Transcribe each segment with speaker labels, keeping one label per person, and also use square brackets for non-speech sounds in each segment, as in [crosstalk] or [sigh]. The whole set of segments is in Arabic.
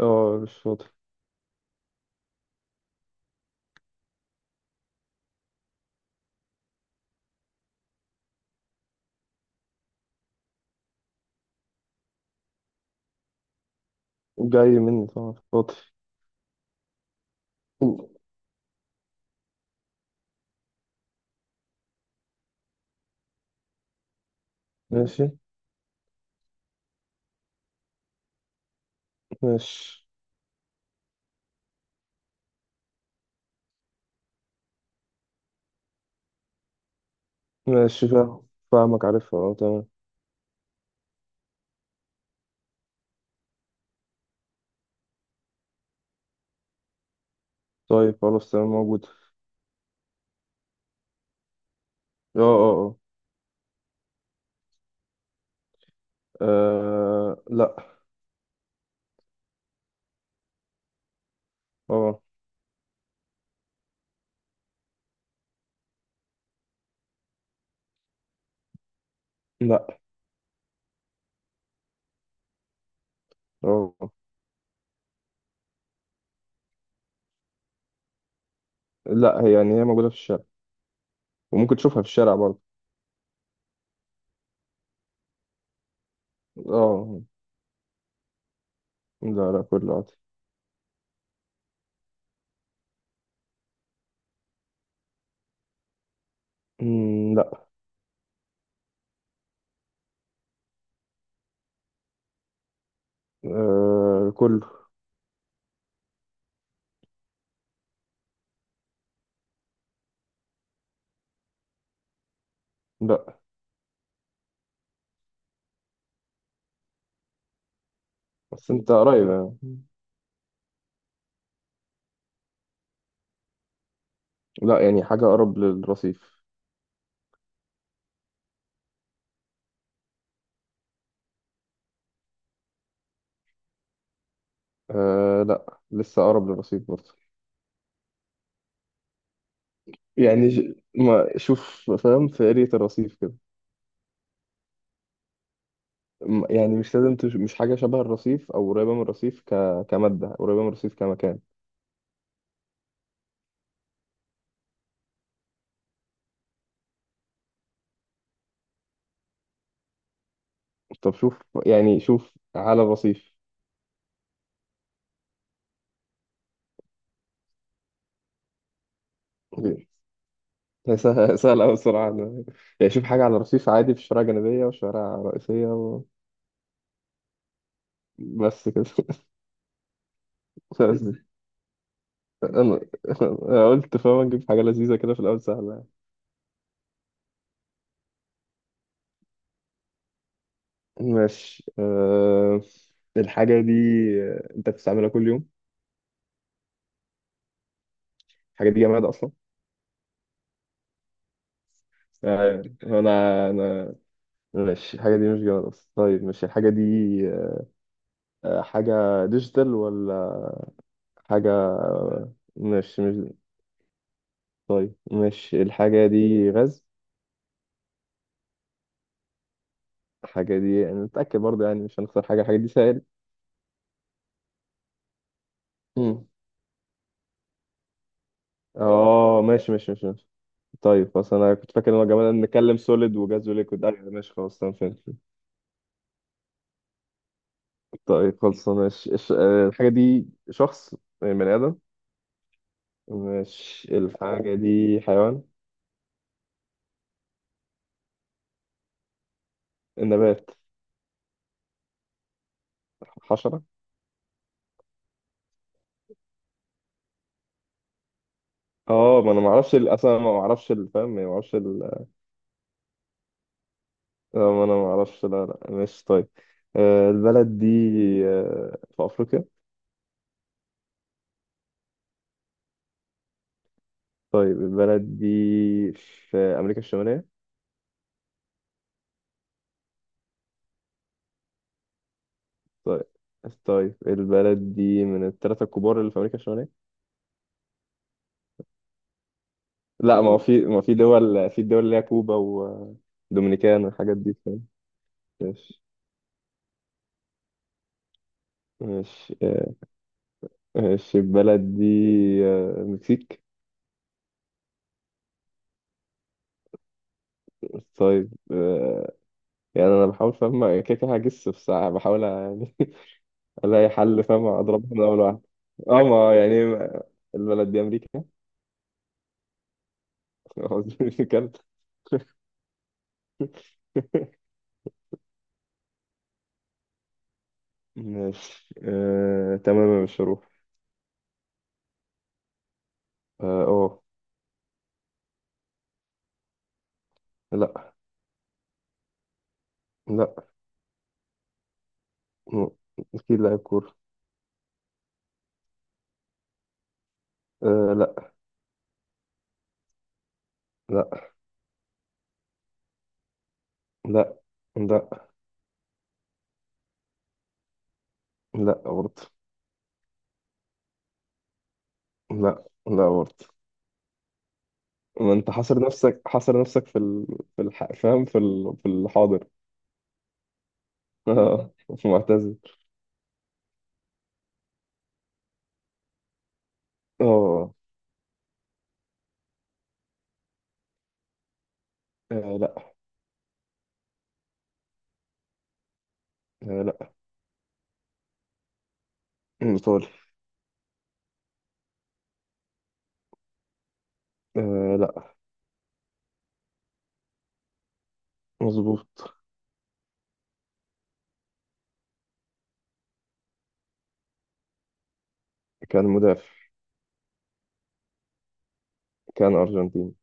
Speaker 1: اه، مش فاضي. جاي مني، طبعا فاضي. ماشي، ماشي، ماشي، فاهم. فاهمك، عارفها، اه، تمام. طيب، خلاص، تمام، موجود. اه، اه. اه، آه، لا. اه. لا. اه، اه. لا، هي يعني هي موجودة في الشارع. وممكن تشوفها في الشارع برضه. اه، لا، لا، كله عادي. مم، لا. آه، كله. لا، بس انت قريب يعني. لا يعني حاجة أقرب للرصيف. آه، لا، لسه أقرب للرصيف برضه. يعني ما شوف، فاهم، في قرية الرصيف كده. يعني مش لازم مش حاجة شبه الرصيف أو قريبة من الرصيف، كمادة قريبة من الرصيف كمكان. طب شوف، يعني شوف على الرصيف. [laughs] هي سهلة أوي الصراحة يعني شوف حاجة على الرصيف عادي في الشوارع الجانبية والشوارع الرئيسية بس كده. [laughs] بس أنا أنا قلت فاهم أجيب حاجة لذيذة كده في الأول سهلة يعني. ماشي، الحاجة دي أنت بتستعملها كل يوم؟ الحاجة دي جماد أصلا؟ طيب، انا ماشي، الحاجه دي مش جوه اصلا. طيب، ماشي، الحاجه دي حاجه ديجيتال ولا؟ حاجه، ماشي، مش، طيب ماشي، الحاجه دي غاز؟ الحاجه دي، يعني نتاكد برضه يعني مش هنخسر حاجه، الحاجه دي سائل؟ مم. اه، ماشي، ماشي، ماشي، ماشي. طيب، خلاص، انا كنت فاكر ان هو جمال، نتكلم سوليد وجاز وليكويد، ايوه، ماشي، خلاص، تمام، فهمت. طيب، خلاص، ماشي، الحاجه دي شخص؟ يعني بني ادم؟ ماشي، الحاجه دي حيوان؟ النبات؟ حشره؟ اه، ما انا ما اعرفش اصلا، ما اعرفش الفهم، ما اعرفش ما انا ما اعرفش، لا، لا، ماشي، طيب. البلد دي في افريقيا؟ طيب، البلد دي في امريكا الشماليه؟ طيب، طيب، البلد دي من الثلاثه الكبار اللي في امريكا الشماليه؟ لا، ما هو في، ما في دول اللي هي كوبا ودومينيكان والحاجات دي، فاهم؟ ماشي، ماشي، ماشي، البلد دي المكسيك؟ طيب، يعني انا بحاول، فاهم، كده كده هجس في ساعه بحاول الاقي حل، فاهم، اضربها من اول واحده. اه، ما يعني البلد دي امريكا؟ [laughs] قصدي مش كندا؟ [laughs] ماشي، تمام يا مشروف. اه، أوه. لا. لا، م- اكيد لاعب كورة. آه، لا. لا، لا. لا، لا، برضه. لا، لا، برضه. ما انت حاصر نفسك، حاصر نفسك في فاهم، في الحاضر. [laughs] اه، معتزل. اه. لا. آه، لا. ايطالي. آه، لا. مظبوط. كان مدافع. كان أرجنتين.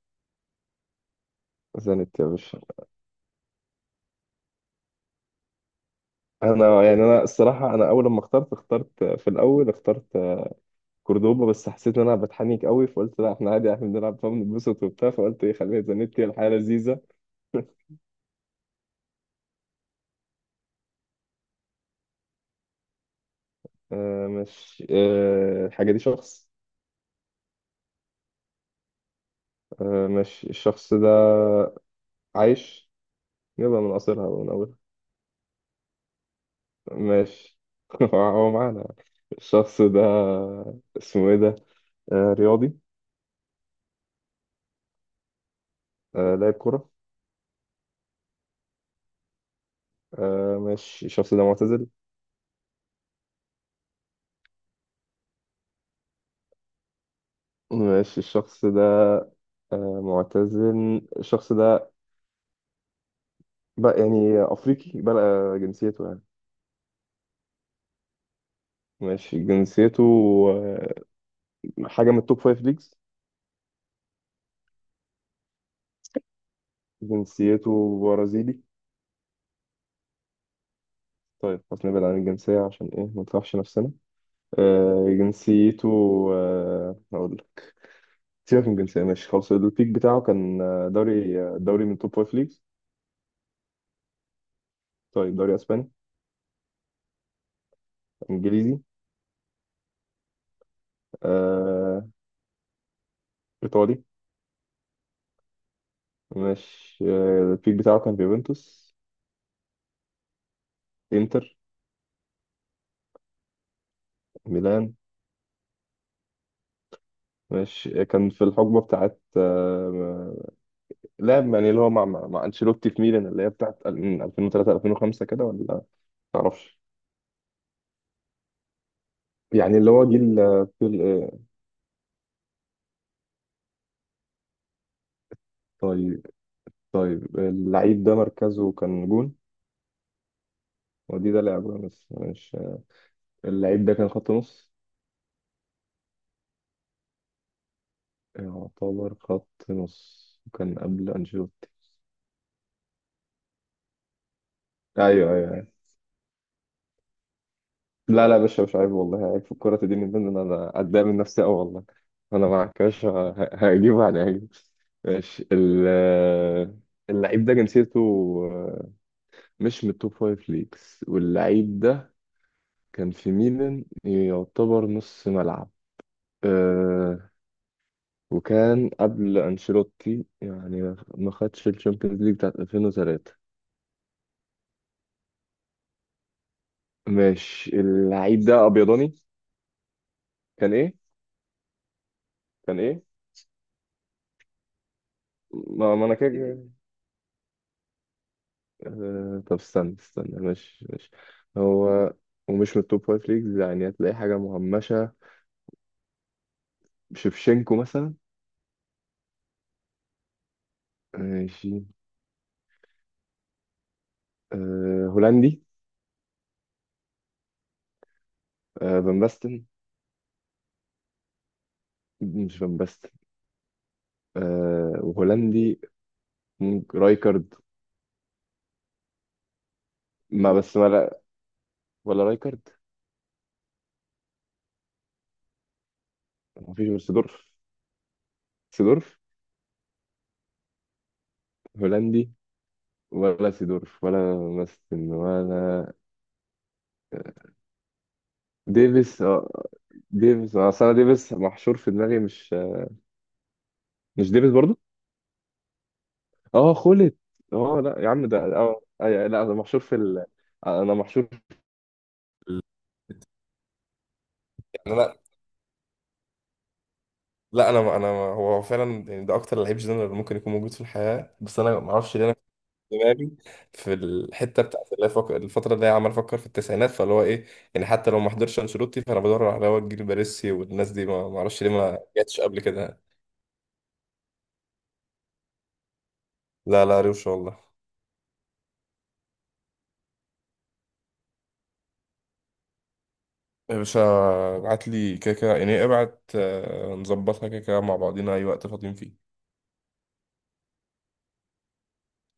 Speaker 1: زانت يا باشا. أنا يعني أنا الصراحة، أنا أول لما اخترت في الأول، اخترت كوردوبا، بس حسيت إن أنا بتحنيك قوي، فقلت لا، إحنا عادي، إحنا بنلعب فبنتبسط وبتاع، فقلت إيه، خليها زانيتي، الحياة لذيذة. مش الحاجة دي شخص؟ مش الشخص ده عايش؟ يبقى من قصرها ومن أولها. ماشي. [laughs] هو معانا الشخص ده؟ اسمه إيه ده؟ آه، رياضي؟ آه، لاعب كرة؟ آه، ماشي، الشخص ده معتزل؟ ماشي، الشخص ده معتزل الشخص ده. بقى يعني أفريقي بقى جنسيته يعني؟ ماشي، جنسيته آه، حاجة من التوب فايف ليجز؟ جنسيته برازيلي؟ طيب، خلاص، نبعد عن الجنسية عشان إيه ما نطرحش نفسنا. جنسيته هقول لك، سيبك من الجنسية، ماشي، خلاص، البيك بتاعه كان دوري من توب فايف ليجز. طيب، دوري أسباني؟ إنجليزي؟ آه، إيطالي؟ ماشي، البيك بتاعه كان في يوفنتوس؟ إنتر؟ ميلان؟ ماشي، كان في الحقبة بتاعت، لعب يعني اللي هو مع أنشيلوتي في ميلان، اللي هي بتاعت من 2003 2005 كده ولا، معرفش. يعني اللي هو جيل في طيب، طيب، اللعيب ده مركزه كان جون؟ ودي ده لعبه بس مش، اللعيب ده كان خط نص؟ يعتبر خط نص، كان قبل أنشيلوتي. أيوه، أيوه. لا، لا يا باشا، مش عيب والله، عيب في الكرة دي، من ضمن انا اتضايق من نفسي قوي والله. انا معاك يا باشا، هجيب يعني هجيب. ماشي، اللعيب ده جنسيته آه، مش من التوب فايف ليجز، واللعيب ده كان في ميلان، يعتبر نص ملعب. أه، وكان قبل أنشيلوتي، يعني ما خدش الشامبيونز ليج بتاعت 2003. ماشي، اللعيب ده أبيضاني؟ كان إيه؟ كان إيه؟ ما أنا كده. طب استنى، استنى، ماشي، ماشي. هو ومش من التوب فايف ليجز، يعني هتلاقي حاجة مهمشة، شيفشينكو مثلا؟ ماشي. أه، هولندي؟ أه، فان باستن؟ مش فان باستن. أه، وهولندي. ممكن رايكارد؟ ما بس، ولا رايكارد. مفيش غير سيدورف. سيدورف هولندي. ولا سيدورف ولا باستن ولا، آه، ديفيس، اه. ديفيس، اه، أصل انا ديفيس محشور في دماغي، مش، مش ديفيس برضه؟ اه، خلت. اه، لا يا عم، ده اه، لا انا محشور في انا محشور في ال... يعني انا، لا، انا هو فعلا يعني ده اكتر لعيب جنرال ممكن يكون موجود في الحياه، بس انا ما اعرفش ليه، انا في دماغي في الحته بتاعت اللي الفتره اللي هي عمال افكر في التسعينات، فاللي هو ايه، يعني حتى لو ما حضرش انشيلوتي، فانا بدور على هو الجيل باريسي والناس دي، ما اعرفش ليه ما جاتش قبل كده يعني. لا، لا، روشه والله. يا باشا، ابعت لي كده كده، يعني ابعت، نظبطها كده كده مع بعضينا اي وقت فاضيين فيه.